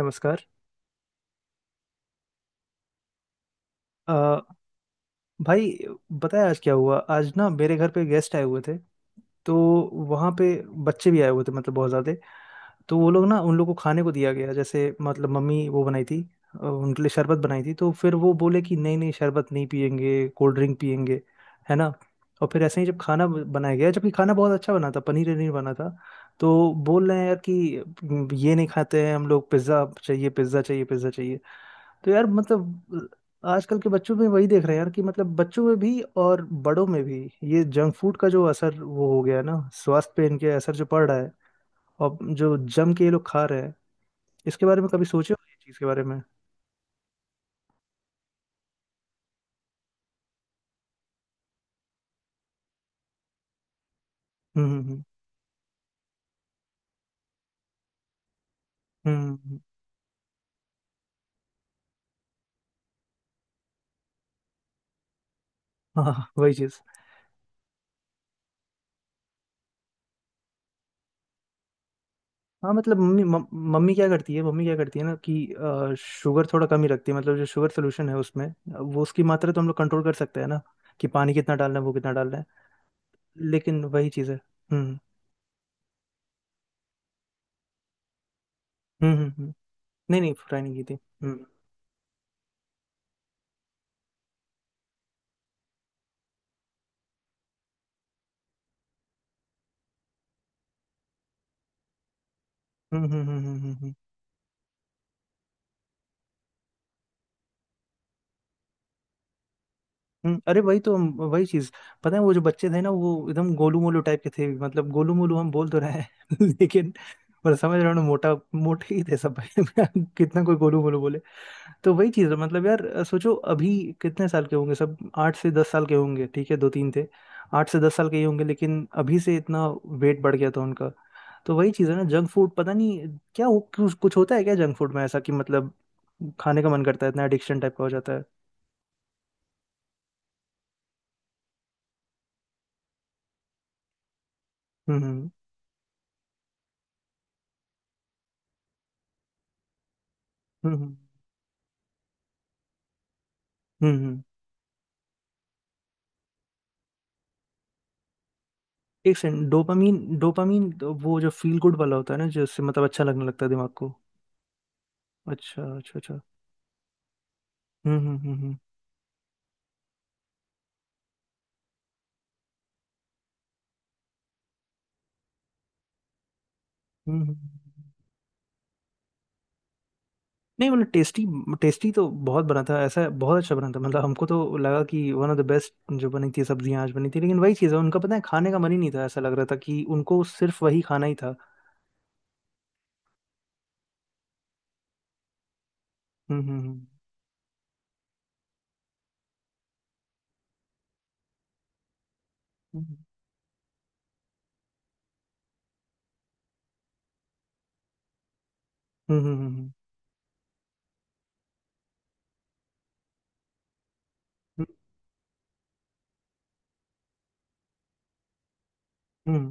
नमस्कार। अ, भाई बताया आज क्या हुआ। आज ना मेरे घर पे गेस्ट आए हुए थे। तो वहाँ पे बच्चे भी आए हुए थे, मतलब बहुत ज़्यादा। तो वो लोग ना उन लोग को खाने को दिया गया, जैसे मतलब मम्मी वो बनाई थी। उनके लिए शरबत बनाई थी, तो फिर वो बोले कि नहीं नहीं शरबत नहीं पियेंगे, कोल्ड ड्रिंक पियेंगे, है ना। और फिर ऐसे ही जब खाना बनाया गया, जबकि खाना बहुत अच्छा बना था, पनीर वनीर बना था। तो बोल रहे हैं यार कि ये नहीं खाते हैं हम लोग, पिज़्ज़ा चाहिए पिज़्ज़ा चाहिए पिज़्ज़ा चाहिए। तो यार मतलब आजकल के बच्चों में वही देख रहे हैं यार कि मतलब बच्चों में भी और बड़ों में भी ये जंक फूड का जो असर वो हो गया है ना, स्वास्थ्य पे इनके असर जो पड़ रहा है और जो जम के ये लोग खा रहे हैं इसके बारे में कभी सोचे हो, इस चीज के बारे में। हम्म। हम्म। हम्म। हम्म। हाँ हाँ, हाँ, वही चीज। हाँ मतलब मम्मी मम्मी क्या करती है, मम्मी क्या करती है ना कि शुगर थोड़ा कम ही रखती है, मतलब जो शुगर सोल्यूशन है उसमें वो उसकी मात्रा तो हम लोग कंट्रोल कर सकते हैं ना, कि पानी कितना डालना है, वो कितना डालना है। लेकिन वही चीज है। हम्म हम्म हम्म हम्म। नहीं नहीं, फ्राई नहीं की थी। हम्म हम्म हम्म हम्म हम्म हम्म, हम्म, अरे वही तो वही चीज। पता है वो जो बच्चे थे ना, वो एकदम गोलू मोलू टाइप के थे, मतलब गोलू मोलू हम बोल तो रहे हैं लेकिन पर समझ रहे हो ना, मोटा मोटे ही थे सब कितना कोई गोलू मोलू बोले। तो वही चीज है मतलब यार। सोचो अभी कितने साल के होंगे सब, 8 से 10 साल के होंगे, ठीक है, दो तीन थे। 8 से 10 साल के ही होंगे, लेकिन अभी से इतना वेट बढ़ गया था उनका। तो वही चीज़ है ना, जंक फूड पता नहीं क्या हो, कुछ कुछ होता है क्या जंक फूड में ऐसा कि मतलब खाने का मन करता है इतना, एडिक्शन टाइप का हो जाता है। हम्म हम्म हम्म हम्म हम्म। एक सेकंड, डोपामीन, डोपामीन तो वो जो फील गुड वाला होता है ना, जिससे मतलब अच्छा लगने लगता है दिमाग को। अच्छा अच्छा अच्छा। हम्म हम्म हम्म हम्म हम्म, हम्म। नहीं मतलब टेस्टी, टेस्टी तो बहुत बना था, ऐसा बहुत अच्छा बना था, मतलब हमको तो लगा कि वन ऑफ द बेस्ट जो बनी थी सब्जियां आज बनी थी। लेकिन वही चीज़ है, उनका पता है खाने का मन ही नहीं था, ऐसा लग रहा था कि उनको सिर्फ वही खाना ही था। हम्म हम्म हम्म हम्म। हम्म हम्म हम्म, हम्म, हम्म।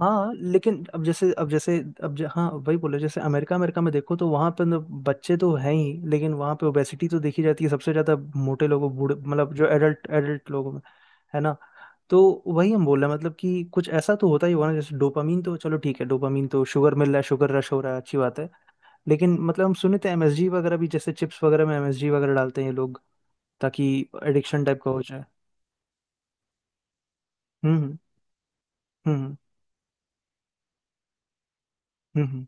हाँ लेकिन अब जैसे, हाँ वही बोले, जैसे अमेरिका, में देखो तो वहाँ पे बच्चे तो हैं ही, लेकिन वहाँ पे ओबेसिटी तो देखी जाती है सबसे ज्यादा, मोटे लोगों, बूढ़े, मतलब जो एडल्ट, लोगों में, है ना। तो वही हम बोल रहे हैं, मतलब कि कुछ ऐसा तो होता ही होगा ना, जैसे डोपामीन तो चलो ठीक है, डोपामीन तो शुगर मिल रहा है, शुगर रश हो रहा है, अच्छी बात है। लेकिन मतलब हम सुने थे एमएसजी वगैरह भी, जैसे चिप्स वगैरह में एमएसजी वगैरह डालते हैं ये लोग, ताकि एडिक्शन टाइप का हो जाए। हम्म हम्म हम्म।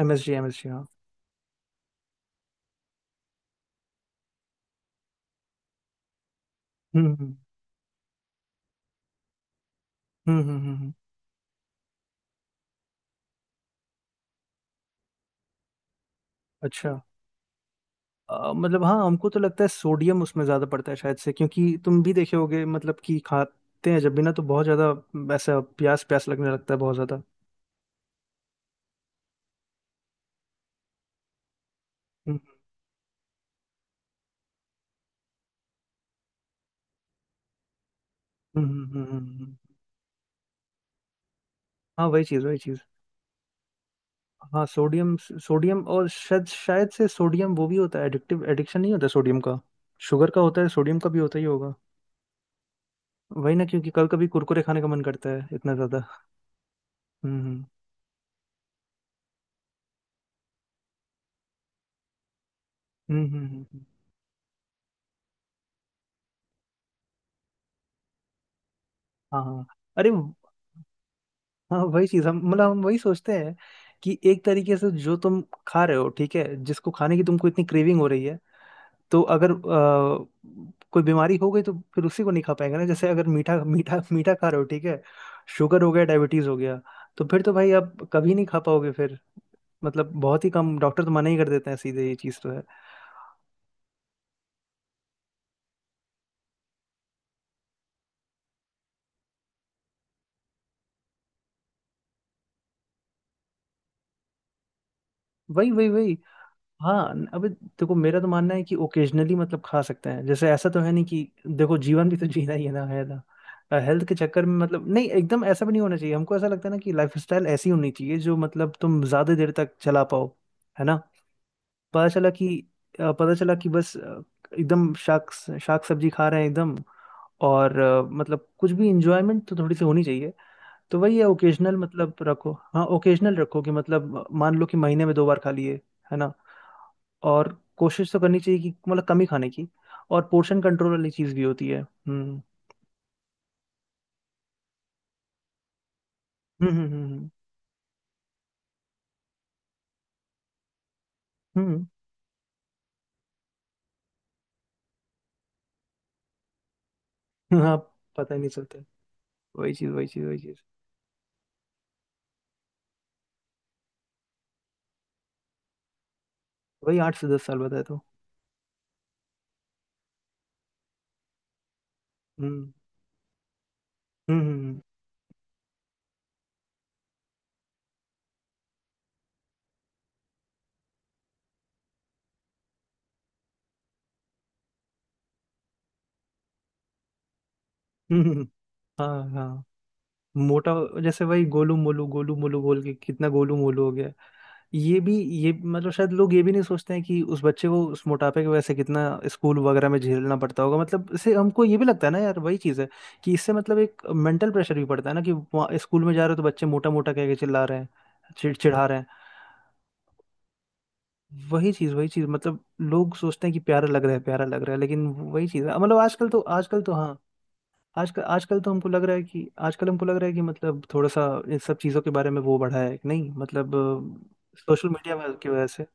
MSG MSG. हम्म हम्म हम्म हम्म, हम्म, हम्म। अच्छा। मतलब हाँ, हमको तो लगता है सोडियम उसमें ज़्यादा पड़ता है शायद से, क्योंकि तुम भी देखे होगे मतलब कि खाते हैं जब भी ना, तो बहुत ज़्यादा ऐसा प्यास प्यास लगने लगता है, बहुत ज़्यादा। हम्म हम्म। हाँ वही चीज़ वही चीज़। हाँ सोडियम, और शायद, से सोडियम वो भी होता है एडिक्टिव, एडिक्शन नहीं होता सोडियम का। शुगर का होता है, सोडियम का भी होता ही होगा। वही ना, क्योंकि कभी कभी कुरकुरे खाने का मन करता है इतना ज़्यादा। हम्म हम्म हम्म हम्म, हम्म, हम्म। हाँ हाँ। अरे हाँ वही चीज, हम मतलब हम वही सोचते हैं कि एक तरीके से जो तुम खा रहे हो ठीक है, जिसको खाने की तुमको इतनी क्रेविंग हो रही है, तो अगर कोई बीमारी हो गई, तो फिर उसी को नहीं खा पाएंगे ना। जैसे अगर मीठा मीठा मीठा खा रहे हो ठीक है, शुगर हो गया, डायबिटीज हो गया, तो फिर तो भाई आप कभी नहीं खा पाओगे फिर। मतलब बहुत ही कम, डॉक्टर तो मना ही कर देते हैं सीधे, ये चीज तो है। वही वही वही। हाँ अबे देखो, मेरा तो मानना है कि ओकेजनली मतलब खा सकते हैं, जैसे ऐसा तो है नहीं कि देखो जीवन भी तो जीना ही है ना, है ना। हेल्थ के चक्कर में मतलब नहीं, एकदम ऐसा भी नहीं होना चाहिए, हमको ऐसा लगता है ना कि लाइफस्टाइल ऐसी होनी चाहिए जो मतलब तुम ज्यादा देर तक चला पाओ, है ना। पता चला कि पता चला कि बस एकदम शाक शाक सब्जी खा रहे हैं एकदम, और मतलब कुछ भी इंजॉयमेंट तो थोड़ी सी होनी चाहिए। तो वही है ओकेजनल, मतलब रखो, हाँ ओकेजनल रखो, कि मतलब मान लो कि महीने में 2 बार खा लिए, है ना। और कोशिश तो करनी चाहिए कि मतलब कम ही खाने की, और पोर्शन कंट्रोल वाली चीज़ भी होती है। हम्म। हम्म हम्म हम्म हम्म हाँ पता ही नहीं चलता। वही चीज़ वही चीज़ वही चीज़। वही 8 से 10 साल बताए तो। हम्म हम्म हम्म हम्म, हम्म, हाँ हाँ। मोटा। जैसे वही गोलू मोलू बोल के कितना गोलू मोलू हो गया ये भी। ये मतलब शायद लोग ये भी नहीं सोचते हैं कि उस बच्चे को उस मोटापे की वजह से कितना स्कूल वगैरह में झेलना पड़ता होगा, मतलब इससे हमको ये भी लगता है ना यार, वही चीज़ है कि इससे मतलब एक मेंटल प्रेशर भी पड़ता है ना, कि वहाँ स्कूल में जा रहे हो तो बच्चे मोटा मोटा कह के चिल्ला रहे हैं, चिड़चिड़ा रहे हैं। वही चीज वही चीज, मतलब लोग सोचते हैं कि प्यारा लग रहा है प्यारा लग रहा है, लेकिन वही चीज है। मतलब आजकल तो, हाँ आजकल, तो हमको लग रहा है कि आजकल हमको लग रहा है कि मतलब थोड़ा सा इन सब चीजों के बारे में वो बढ़ा है कि नहीं, मतलब सोशल मीडिया की वजह से।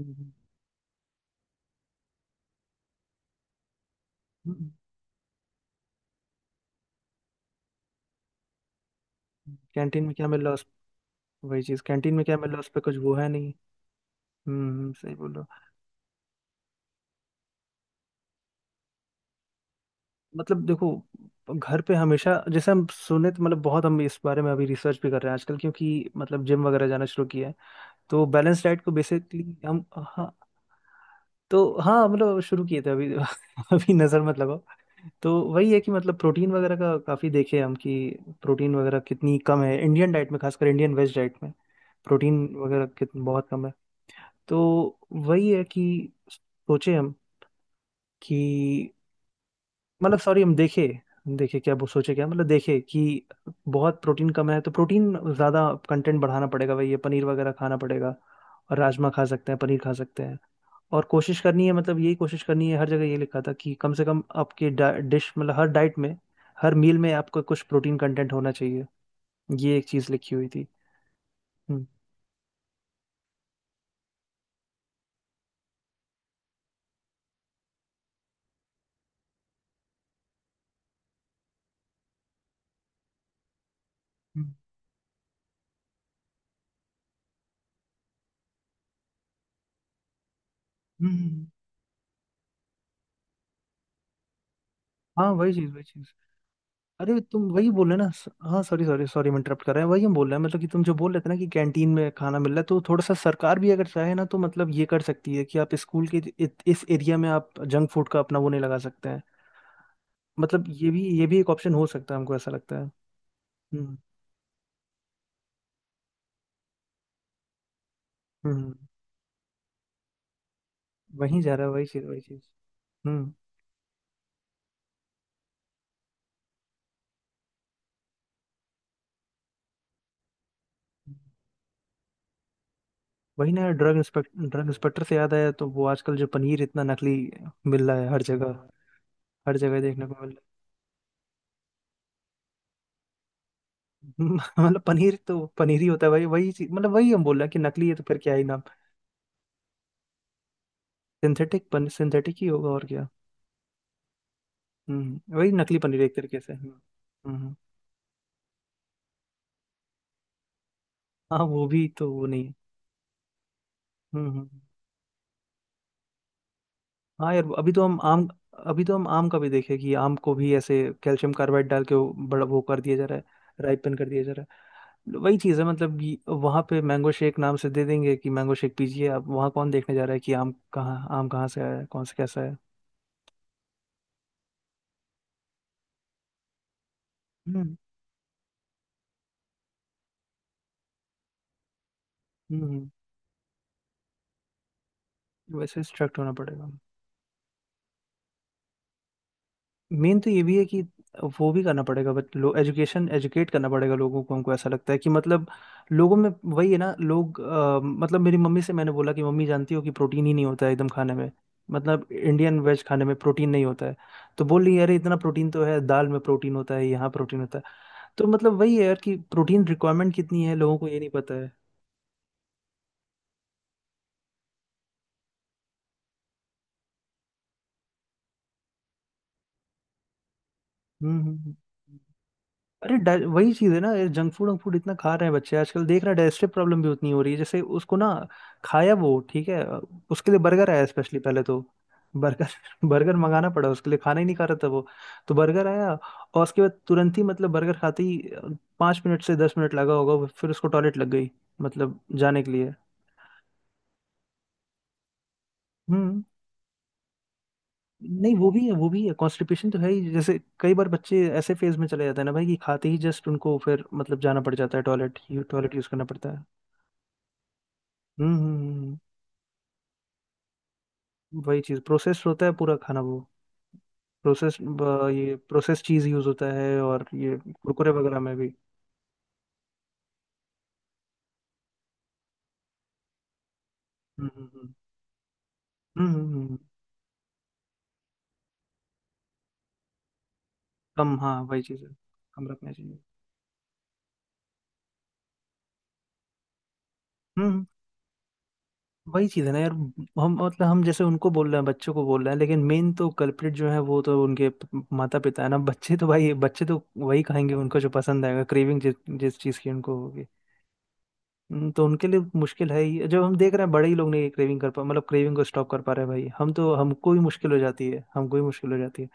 कैंटीन में क्या मिल रहा है उस, वही चीज कैंटीन में क्या मिल रहा है उस पर कुछ वो है नहीं। सही बोल रहे हो। मतलब देखो, घर पे हमेशा, जैसे हम सुने तो मतलब बहुत हम इस बारे में अभी रिसर्च भी कर रहे हैं आजकल, क्योंकि मतलब जिम वगैरह जाना शुरू किया है। तो बैलेंस डाइट को बेसिकली हम, हाँ तो हाँ मतलब शुरू किए थे अभी अभी नजर मत लगाओ। तो वही है कि मतलब प्रोटीन वगैरह का काफी देखे हम, कि प्रोटीन वगैरह कितनी कम है इंडियन डाइट में, खासकर इंडियन वेज डाइट में, प्रोटीन वगैरह कितनी बहुत कम है। तो वही है कि सोचे हम कि मतलब सॉरी, हम देखे, देखे क्या वो, सोचे क्या मतलब देखे कि बहुत प्रोटीन कम है। तो प्रोटीन ज़्यादा कंटेंट बढ़ाना पड़ेगा, वही है, पनीर वगैरह खाना पड़ेगा, और राजमा खा सकते हैं, पनीर खा सकते हैं। और कोशिश करनी है, मतलब यही कोशिश करनी है, हर जगह ये लिखा था कि कम से कम आपके डिश, मतलब हर डाइट में, हर मील में आपको कुछ प्रोटीन कंटेंट होना चाहिए, ये एक चीज़ लिखी हुई थी। हम्म हम्म हम्म, हम्म, हाँ वही चीज वही चीज। अरे तुम वही बोल रहे ना हाँ सॉरी सॉरी सॉरी मैं इंटरप्ट कर रहा है, वही हम बोल रहे हैं मतलब कि तुम जो बोल रहे थे ना कि कैंटीन में खाना मिल रहा है, तो थोड़ा सा सरकार भी अगर चाहे ना, तो मतलब ये कर सकती है कि आप स्कूल के इस एरिया में आप जंक फूड का अपना वो नहीं लगा सकते हैं, मतलब ये भी, ये भी एक ऑप्शन हो सकता है, हमको ऐसा लगता है। हम्म हम्म हम्म, वहीं जा रहा है, वही चीज वही चीज। हम्म। वही ना, ड्रग इंस्पेक्टर से याद आया, तो वो आजकल जो पनीर इतना नकली मिल रहा है हर जगह, हर जगह देखने को मिल रहा है। मतलब पनीर तो पनीर ही होता है भाई, वही चीज, मतलब वही हम बोल रहे हैं कि नकली है तो फिर क्या ही नाम। सिंथेटिक ही होगा और क्या। हम्म, वही नकली पनीर एक तरीके से। हम्म। हम्म। हाँ वो भी तो वो नहीं है। हम्म हम्म। हाँ यार, अभी तो हम आम, अभी तो हम आम का भी देखे कि आम को भी ऐसे कैल्शियम कार्बाइड डाल के वो बड़ा वो कर दिया जा रहा है, राइपन कर दिया जा रहा है। वही चीज़ है, मतलब ये- वहाँ पे मैंगो शेक नाम से दे देंगे कि मैंगो शेक पीजिए आप, वहाँ कौन देखने जा रहा है कि आम कहाँ, आम कहाँ से आया है, कौन से कैसा है। हम्म हम्म, वैसे स्ट्रक्ट होना पड़ेगा। मेन तो ये भी है कि वो भी करना पड़ेगा, बट लो एजुकेशन, एजुकेट करना पड़ेगा लोगों को, हमको ऐसा लगता है कि मतलब लोगों में वही है ना, लोग मतलब मेरी मम्मी से मैंने बोला कि मम्मी जानती हो कि प्रोटीन ही नहीं होता है एकदम खाने में, मतलब इंडियन वेज खाने में प्रोटीन नहीं होता है। तो बोल रही है, अरे इतना प्रोटीन तो है, दाल में प्रोटीन होता है, यहाँ प्रोटीन होता है। तो मतलब वही है यार कि प्रोटीन रिक्वायरमेंट कितनी है लोगों को ये नहीं पता है। हम्म हम्म हम्म। अरे वही चीज है ना यार, जंक फूड, इतना खा रहे हैं बच्चे आजकल देख रहे हैं, डाइजेस्टिव प्रॉब्लम भी उतनी हो रही है, जैसे उसको ना खाया वो ठीक है, उसके लिए बर्गर आया, स्पेशली पहले तो बर्गर, मंगाना पड़ा उसके लिए, खाना ही नहीं खा रहा था वो। तो बर्गर आया और उसके बाद तुरंत ही मतलब बर्गर खाते ही 5 मिनट से 10 मिनट लगा होगा, फिर उसको टॉयलेट लग गई मतलब जाने के लिए। हम्म। नहीं वो भी है, वो भी है, कॉन्स्टिपेशन तो है ही, जैसे कई बार बच्चे ऐसे फेज में चले जाते हैं ना भाई कि खाते ही जस्ट उनको फिर मतलब जाना पड़ जाता है टॉयलेट, टॉयलेट यूज करना पड़ता है। हम्म हम्म, वही चीज, प्रोसेस होता है पूरा खाना वो, प्रोसेस, ये प्रोसेस चीज यूज होता है और ये कुरकुरे वगैरह में भी। हम्म हम्म हम्म हम्म, हम्म, हम्म, हम्म, कम हाँ वही चीज है, कम रखना चाहिए। हम्म हम्म, वही चीज है ना यार, हम मतलब हम जैसे उनको बोल रहे हैं, बच्चों को बोल रहे हैं, लेकिन मेन तो कल्प्रिट जो है वो तो उनके माता पिता है ना, बच्चे तो भाई बच्चे तो वही खाएंगे उनको जो पसंद आएगा, क्रेविंग जिस जिस चीज की उनको होगी। तो उनके लिए मुश्किल है ही, जब हम देख रहे हैं बड़े ही लोग नहीं क्रेविंग कर पा मतलब क्रेविंग को स्टॉप कर पा रहे हैं भाई, हम तो हमको ही मुश्किल हो जाती है, हमको ही मुश्किल हो जाती है।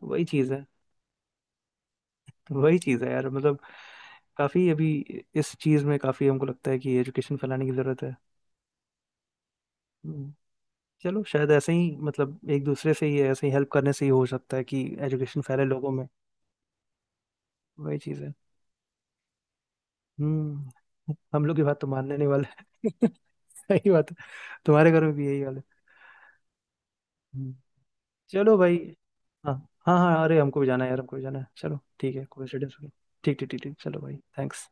तो वही चीज़ है, तो वही चीज़ है यार, मतलब काफ़ी अभी इस चीज़ में काफ़ी हमको लगता है कि एजुकेशन फैलाने की ज़रूरत है। हम्म, चलो शायद ऐसे ही मतलब एक दूसरे से ही ऐसे ही हेल्प करने से ही हो सकता है कि एजुकेशन फैले लोगों में, वही चीज़ है। हम्म, हम लोग की बात तो मानने नहीं वाले सही बात है। तुम्हारे घर में भी यही हाल है। हम्म, चलो भाई। हाँ हाँ हाँ, अरे हमको भी जाना है यार, हमको भी जाना है, चलो ठीक है, कोई हो गया। ठीक ठीक ठीक ठीक, चलो भाई थैंक्स।